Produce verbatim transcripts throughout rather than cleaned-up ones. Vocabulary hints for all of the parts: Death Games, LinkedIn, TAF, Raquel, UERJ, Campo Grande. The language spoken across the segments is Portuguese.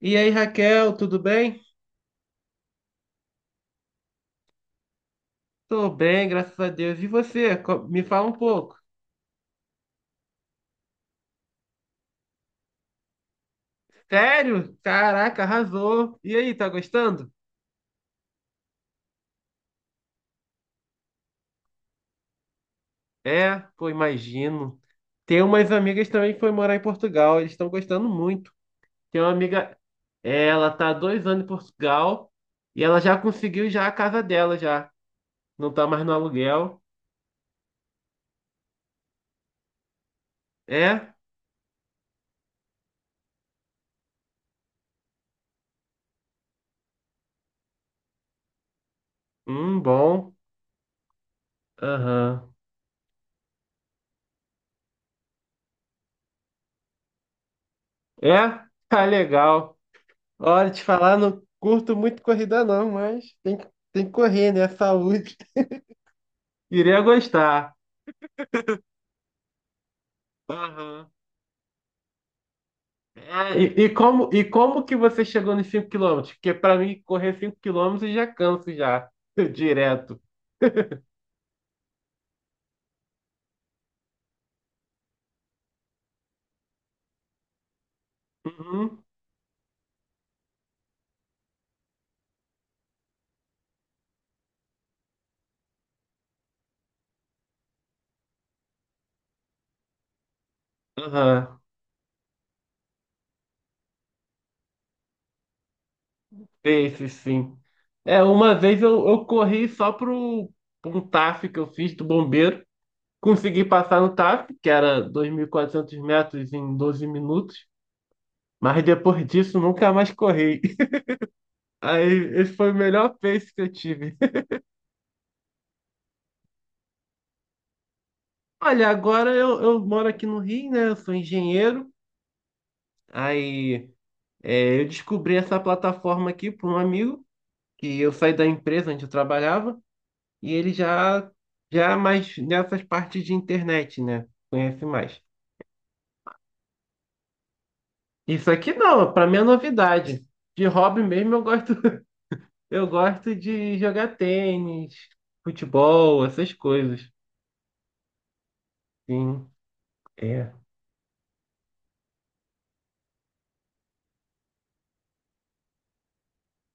E aí, Raquel, tudo bem? Tô bem, graças a Deus. E você? Co- Me fala um pouco. Sério? Caraca, arrasou. E aí, tá gostando? É, pô, imagino. Tem umas amigas também que foi morar em Portugal. Eles estão gostando muito. Tem uma amiga, ela tá há dois anos em Portugal e ela já conseguiu já a casa dela já. Não tá mais no aluguel. É? Hum, bom. Aham. É? Tá legal. Olha, te falar, não curto muito corrida não, mas tem que, tem que correr, né? Saúde. Iria gostar. Aham. É, e, e como, e como que você chegou nos cinco quilômetros? Porque pra mim, correr cinco quilômetros já canso já, direto. Uhum. Aham. Pace, sim. É, uma vez eu, eu corri só pro, pro um T A F que eu fiz do bombeiro. Consegui passar no T A F, que era dois mil e quatrocentos metros em doze minutos. Mas depois disso, nunca mais corri. Aí, esse foi o melhor peixe que eu tive. Olha, agora eu, eu moro aqui no Rio, né? Eu sou engenheiro. Aí, é, eu descobri essa plataforma aqui por um amigo, que eu saí da empresa onde eu trabalhava, e ele já, já é mais nessas partes de internet, né? Conhece mais. Isso aqui não, para mim é novidade. De hobby mesmo, eu gosto, eu gosto de jogar tênis, futebol, essas coisas. Sim, é.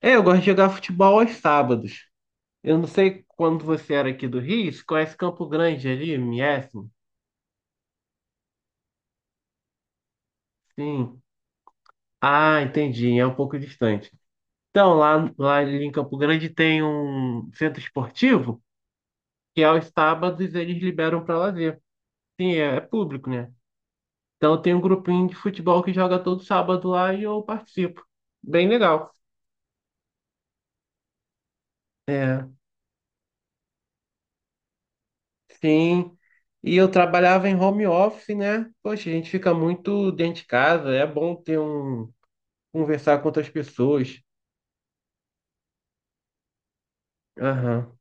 É, eu gosto de jogar futebol aos sábados. Eu não sei quando você era aqui do Rio, você conhece Campo Grande ali, M S. Sim. Ah, entendi, é um pouco distante. Então, lá, lá ali em Campo Grande tem um centro esportivo que é aos sábados eles liberam para lazer. Sim, é, é público, né? Então tem um grupinho de futebol que joga todo sábado lá e eu participo. Bem legal. É, sim. E eu trabalhava em home office, né? Poxa, a gente fica muito dentro de casa, é bom ter um conversar com outras pessoas. Aham.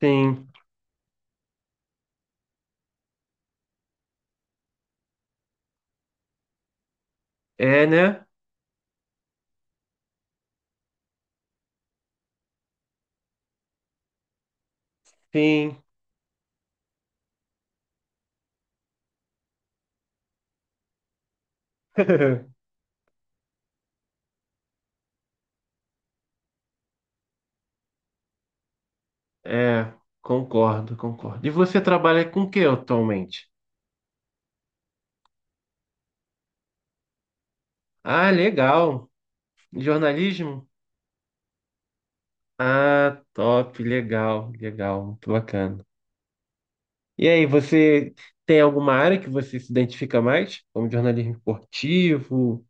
Sim. É, né? Sim. É, concordo, concordo. E você trabalha com o que atualmente? Ah, legal. Jornalismo? Ah, top, legal, legal, muito bacana. E aí, você tem alguma área que você se identifica mais? Como jornalismo esportivo?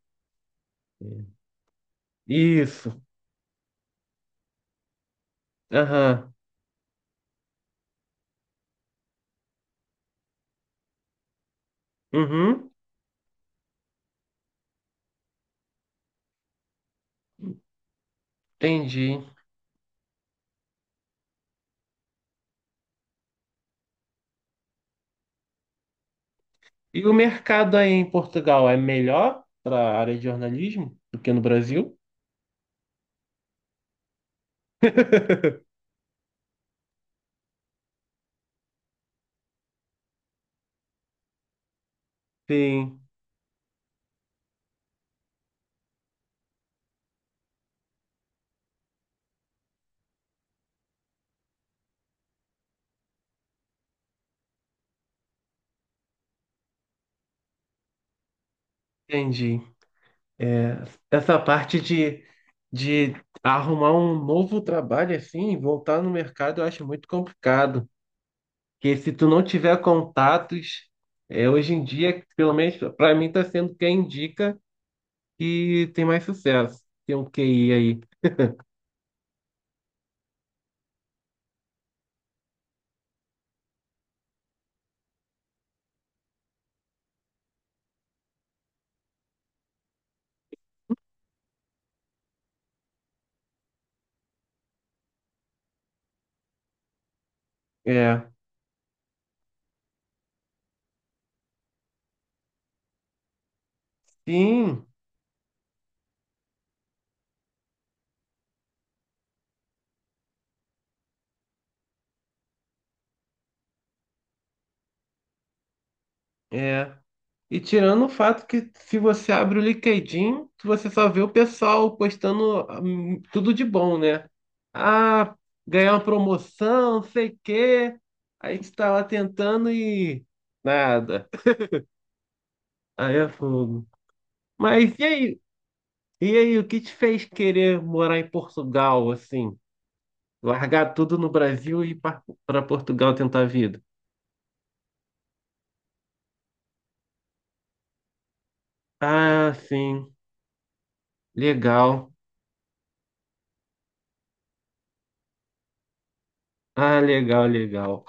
É, isso. Aham. Uhum. Entendi. E o mercado aí em Portugal é melhor para a área de jornalismo do que no Brasil? Sim. Entendi. Essa parte de, de arrumar um novo trabalho assim, e voltar no mercado, eu acho muito complicado. Porque se tu não tiver contatos, é, hoje em dia, pelo menos para mim, tá sendo quem indica que tem mais sucesso. Tem um Q I aí. É. Sim, é. E tirando o fato que se você abre o LinkedIn, você só vê o pessoal postando hum, tudo de bom, né? Ah, ganhar uma promoção, não sei o quê. Aí você tá lá tentando e nada. Aí é fogo. Mas e aí? E aí, o que te fez querer morar em Portugal, assim? Largar tudo no Brasil e ir para Portugal tentar a vida? Ah, sim. Legal. Ah, legal, legal.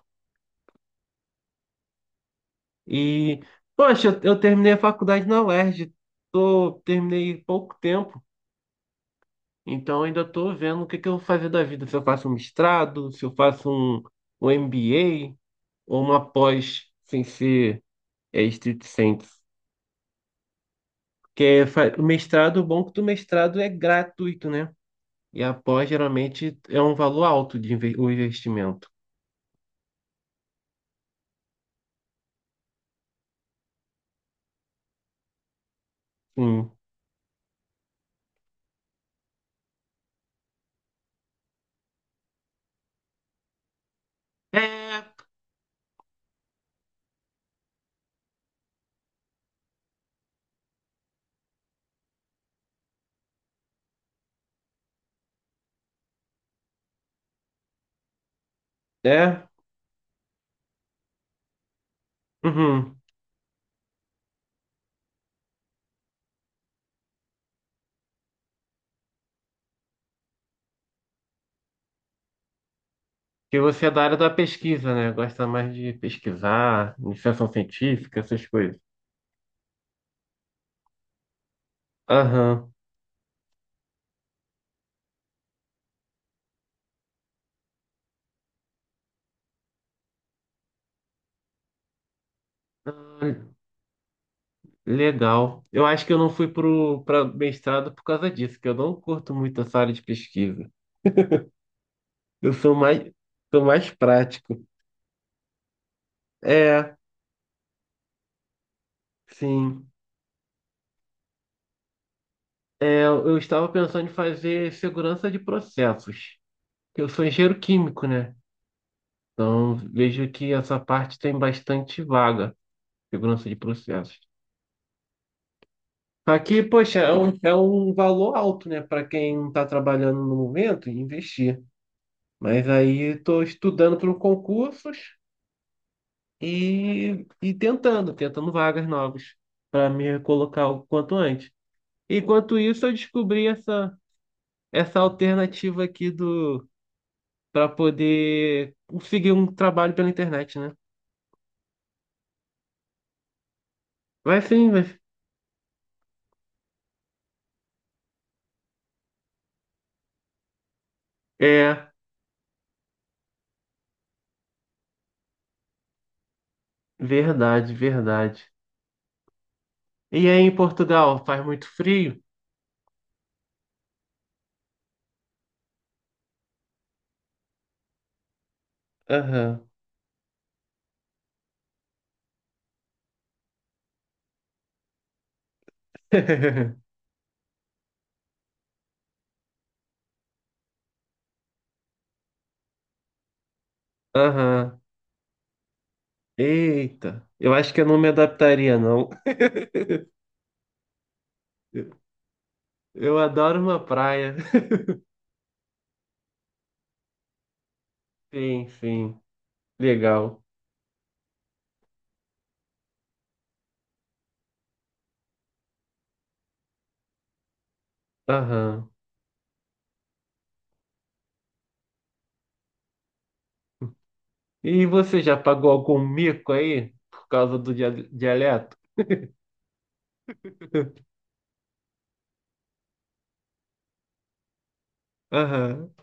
E, poxa, eu, eu terminei a faculdade na UERJ. Tô, terminei pouco tempo, então ainda tô vendo o que que eu vou fazer da vida. Se eu faço um mestrado, se eu faço um, um M B A ou uma pós sem ser é, estrito senso. Porque fa- o mestrado, o bom é que o mestrado é gratuito, né? E a pós geralmente é um valor alto de inve- o investimento. Sim. É, é. Uhum. Que você é da área da pesquisa, né? Gosta mais de pesquisar, iniciação científica, essas coisas. Aham. Ah, legal. Eu acho que eu não fui pro para mestrado por causa disso, que eu não curto muito essa área de pesquisa. Eu sou mais sou mais prático. É, sim. É, eu estava pensando em fazer segurança de processos. Eu sou engenheiro químico, né? Então vejo que essa parte tem bastante vaga, segurança de processos. Aqui, poxa, é um, é um valor alto, né, para quem está trabalhando no momento e investir. Mas aí estou estudando para concursos e, e tentando, tentando vagas novas para me colocar o quanto antes. Enquanto isso, eu descobri essa, essa alternativa aqui do para poder conseguir um trabalho pela internet, né? Vai sim, mas é verdade, verdade. E aí em Portugal, faz muito frio? Aham. Aham. Eita, eu acho que eu não me adaptaria, não. Eu adoro uma praia. Sim, sim. Legal. Aham. E você já pagou algum mico aí por causa do dia- dialeto? Aham.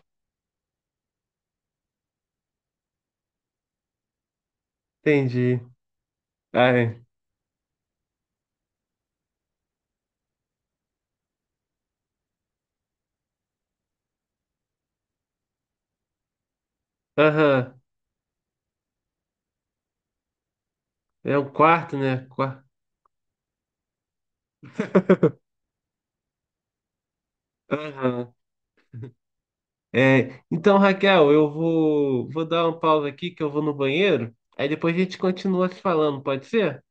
Entendi. Ai. Aham. É um quarto, né? Qua- Aham. É. Então, Raquel, eu vou vou dar uma pausa aqui que eu vou no banheiro. Aí depois a gente continua se falando, pode ser?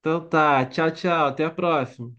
Então tá. Tchau, tchau. Até a próxima.